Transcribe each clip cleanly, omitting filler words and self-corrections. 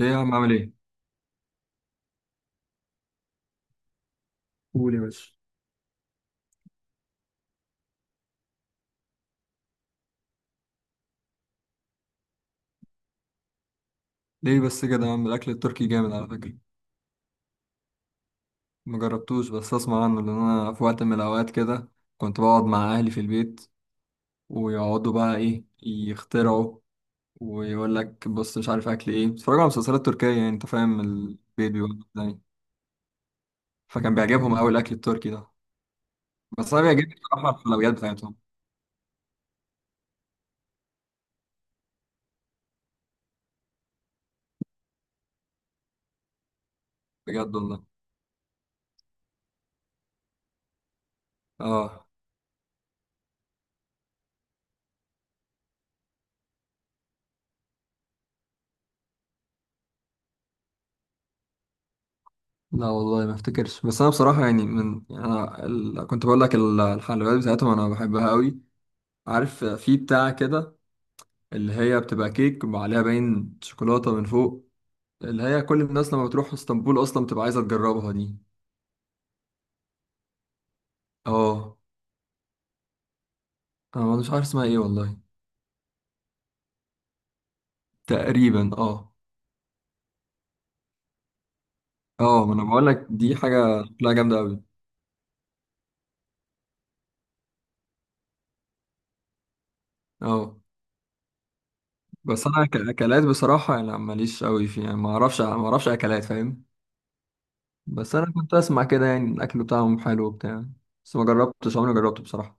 ايه يا عم، عامل ايه؟ قول يا باشا. ليه بس كده يا عم؟ الاكل التركي جامد على فكرة. مجربتوش بس اسمع عنه، لان انا في وقت من الاوقات كده كنت بقعد مع اهلي في البيت، ويقعدوا بقى ايه يخترعوا، ويقول لك بص مش عارف اكل ايه، بيتفرجوا على مسلسلات تركية، يعني انت فاهم، البيت بيقول لك يعني. فكان بيعجبهم قوي الاكل التركي ده. بس انا بيعجبني بصراحة الحلويات بتاعتهم. بجد والله. اه. لا والله ما افتكرش، بس انا بصراحة يعني يعني انا كنت بقول لك الحلويات بتاعتهم انا بحبها قوي. عارف في بتاع كده، اللي هي بتبقى كيك وعليها باين شوكولاتة من فوق، اللي هي كل الناس لما بتروح اسطنبول أصلا بتبقى عايزة تجربها دي. اه. أنا مش عارف اسمها ايه والله. تقريبا اه. اه، ما أنا بقولك دي حاجة شكلها جامدة أوي. اه. بس أنا كأكلات بصراحة يعني ماليش أوي فيها، يعني ما أعرفش أكلات فاهم. بس أنا كنت أسمع كده يعني الأكل بتاعهم حلو وبتاع. بس ما جربتش، عمري ما جربته بصراحة.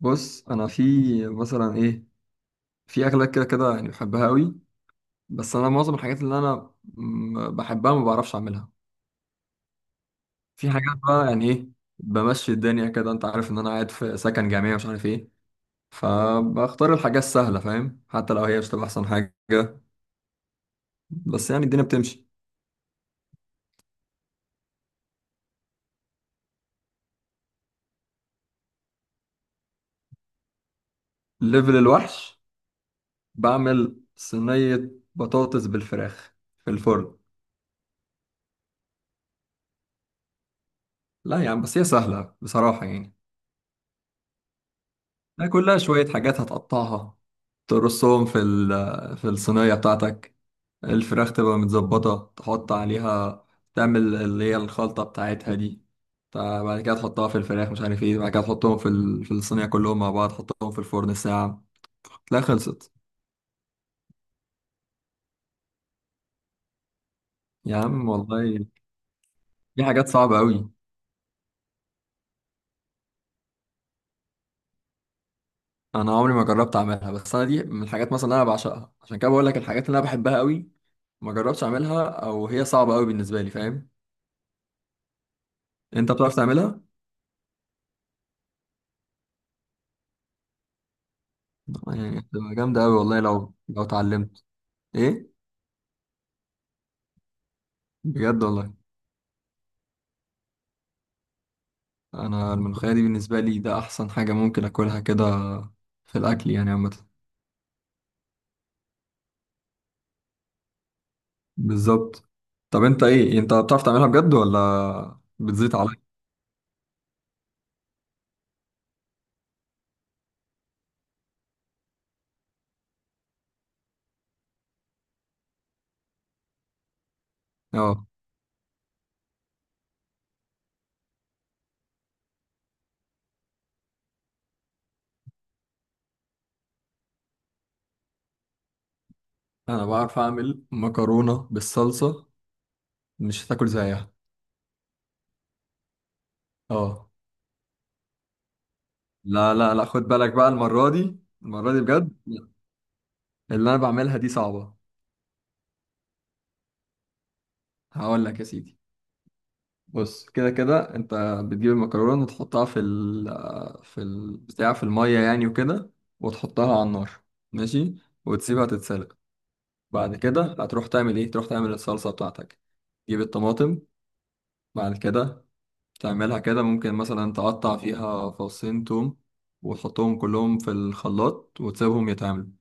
بص أنا في مثلا إيه، في أكلات كده كده يعني بحبها أوي. بس انا معظم الحاجات اللي انا بحبها ما بعرفش اعملها. في حاجات بقى يعني ايه، بمشي الدنيا كده، انت عارف ان انا قاعد في سكن جامعي ومش عارف ايه، فبختار الحاجات السهله فاهم، حتى لو هي مش تبقى احسن حاجه، بس يعني الدنيا بتمشي. ليفل الوحش؟ بعمل صينيه بطاطس بالفراخ في الفرن. لا يعني بس هي سهله بصراحه يعني. ده كلها شويه حاجات هتقطعها، ترصهم في في الصينيه بتاعتك، الفراخ تبقى متظبطة، تحط عليها، تعمل اللي هي الخلطة بتاعتها دي، بعد كده تحطها في الفراخ مش عارف ايه، بعد كده تحطهم في في الصينية كلهم مع بعض، تحطهم في الفرن ساعة، تلاقي خلصت. يا عم والله دي حاجات صعبة قوي. انا عمري ما جربت اعملها، بس انا دي من الحاجات مثلا اللي انا بعشقها، عشان كده بقول لك الحاجات اللي انا بحبها قوي ما جربتش اعملها، او هي صعبة قوي بالنسبة لي فاهم. انت بتعرف تعملها؟ يعني هتبقى جامدة قوي والله لو اتعلمت. ايه؟ بجد والله. انا الملوخيه دي بالنسبه لي ده احسن حاجه ممكن اكلها كده في الاكل يعني عامه. بالظبط. طب انت ايه، انت بتعرف تعملها بجد ولا بتزيط عليا؟ اه، انا بعرف اعمل مكرونه بالصلصه، مش هتاكل زيها. اه. لا لا لا، خد بالك بقى المره دي. المره دي بجد اللي انا بعملها دي صعبه. هقول لك يا سيدي. بص، كده كده انت بتجيب المكرونه وتحطها في ال، في البتاع، في الميه يعني وكده، وتحطها على النار، ماشي، وتسيبها تتسلق، بعد كده هتروح تعمل ايه، تروح تعمل الصلصه بتاعتك، تجيب الطماطم، بعد كده تعملها كده، ممكن مثلا تقطع فيها فصين توم وتحطهم كلهم في الخلاط وتسيبهم يتعملوا.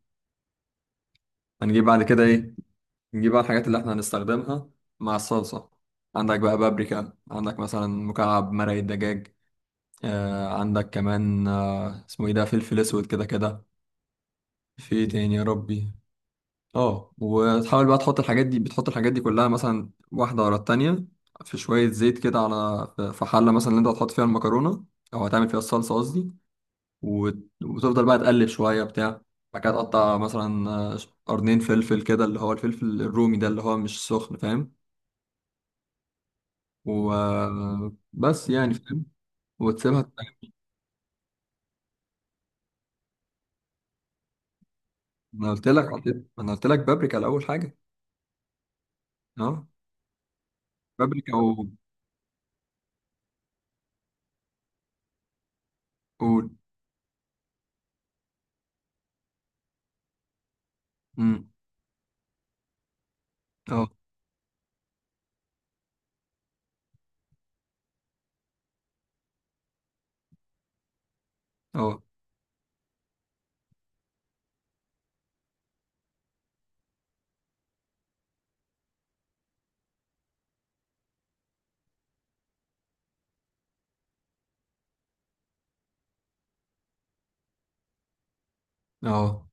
هنجيب بعد كده ايه؟ نجيب بقى الحاجات اللي احنا هنستخدمها مع الصلصه. عندك بقى بابريكا، عندك مثلا مكعب مرق الدجاج، آه، عندك كمان اسمه ايه ده، فلفل اسود كده كده. في إيه تاني يا ربي؟ اه، وتحاول بقى تحط الحاجات دي بتحط الحاجات دي كلها مثلا واحدة ورا التانية، في شوية زيت كده على، في حلة مثلا اللي انت هتحط فيها المكرونة، او هتعمل فيها الصلصة قصدي، وتفضل بقى تقلب شوية بتاع، بعد كده تقطع مثلا قرنين فلفل كده، اللي هو الفلفل الرومي ده اللي هو مش سخن فاهم. وبس يعني فاهم. وتسيبها. انا قلت لك بابريكا الاول حاجة. اه. فابريكا قول. امم اه. اه. اه.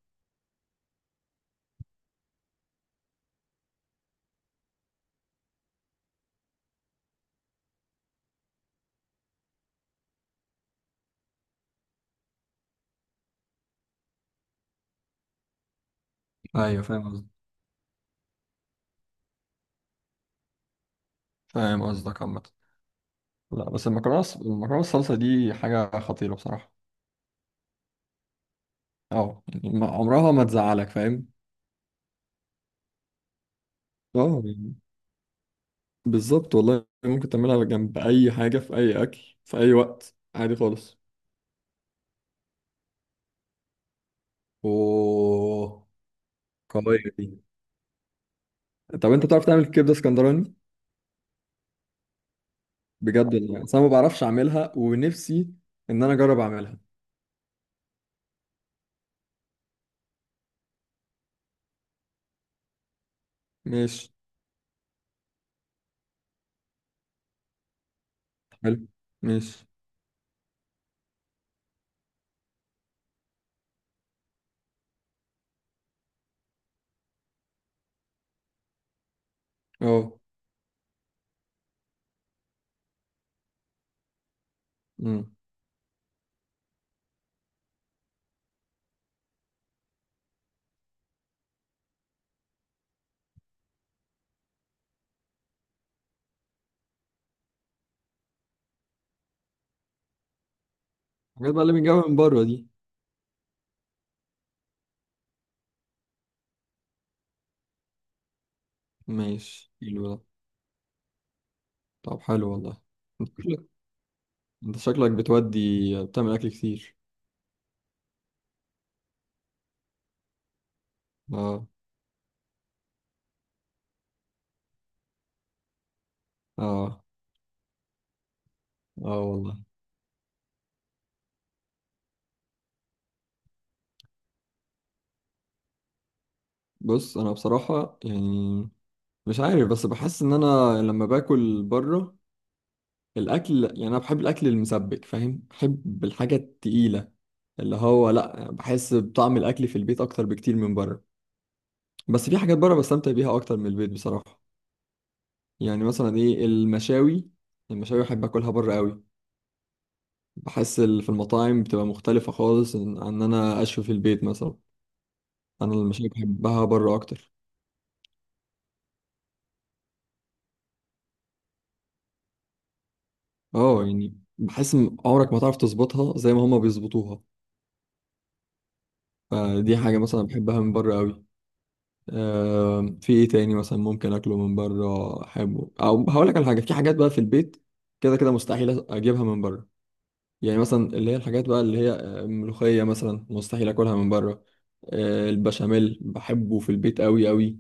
ايوه فاهم قصدك، فاهم قصدك عامة. لا بس المكرونه الصلصه دي حاجه خطيره بصراحه. اه يعني عمرها ما تزعلك فاهم. اه يعني بالظبط والله، ممكن تعملها جنب اي حاجة في اي اكل في اي وقت عادي خالص. اوه. قويه دي. طب انت بتعرف تعمل كبده اسكندراني؟ بجد والله، أصل انا ما بعرفش اعملها ونفسي ان انا اجرب اعملها. ماشي. حلو. ماشي. اه. أمم. الحاجات بقى اللي بنجيبها من بره دي. ماشي، حلو ده. طب حلو والله. انت شكلك، انت شكلك بتودي، بتعمل اكل كتير. اه. اه. اه والله. بص انا بصراحة يعني مش عارف، بس بحس ان انا لما باكل بره الاكل، يعني انا بحب الاكل المسبك فاهم، بحب الحاجة التقيلة، اللي هو لا بحس بطعم الاكل في البيت اكتر بكتير من بره. بس في حاجات بره بستمتع بيها اكتر من البيت بصراحة. يعني مثلا ايه، المشاوي. المشاوي بحب اكلها بره قوي، بحس في المطاعم بتبقى مختلفة خالص عن انا اشوي في البيت مثلا. انا المشاوي بحبها بره اكتر. اه يعني بحس إن عمرك ما تعرف تظبطها زي ما هما بيظبطوها. فدي حاجة مثلا بحبها من بره قوي. آه، في ايه تاني مثلا ممكن اكله من بره احبه، او هقول لك على حاجة، في حاجات بقى في البيت كده كده مستحيل اجيبها من بره. يعني مثلا اللي هي الحاجات بقى اللي هي ملوخية مثلا مستحيل اكلها من بره. آه، البشاميل بحبه في البيت قوي قوي.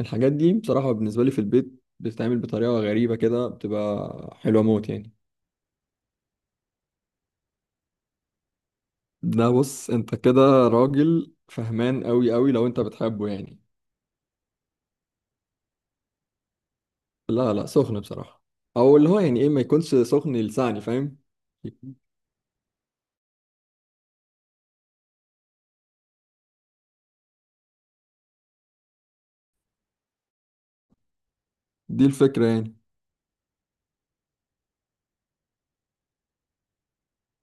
الحاجات دي بصراحة بالنسبة لي في البيت بتتعمل بطريقة غريبة كده، بتبقى حلوة موت يعني. ده بص انت كده راجل فهمان قوي قوي لو انت بتحبه يعني. لا لا، سخن بصراحة. او اللي هو يعني ايه، ما يكونش سخن لساني فاهم. دي الفكرة يعني.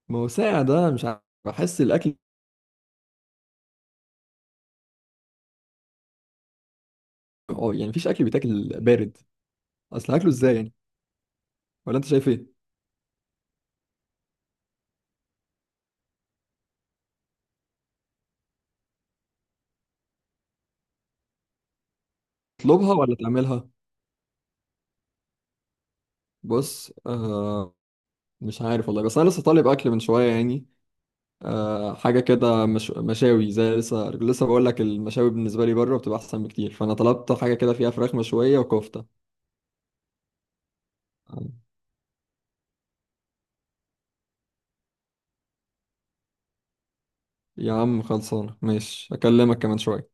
ما هو ساقع ده مش عارف، بحس الاكل، اه يعني مفيش اكل بيتاكل بارد، اصل هاكله ازاي يعني؟ ولا انت شايف ايه؟ تطلبها ولا تعملها؟ بص، مش عارف والله، بس انا لسه طالب اكل من شوية يعني. حاجة كده مش... مشاوي، زي لسه لسه بقول لك المشاوي بالنسبة لي بره بتبقى أحسن بكتير، فأنا طلبت حاجة كده فيها فراخ مشوية وكفتة. آه، يا عم خلصانة، ماشي أكلمك كمان شوية.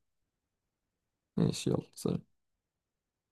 ماشي يلا سلام.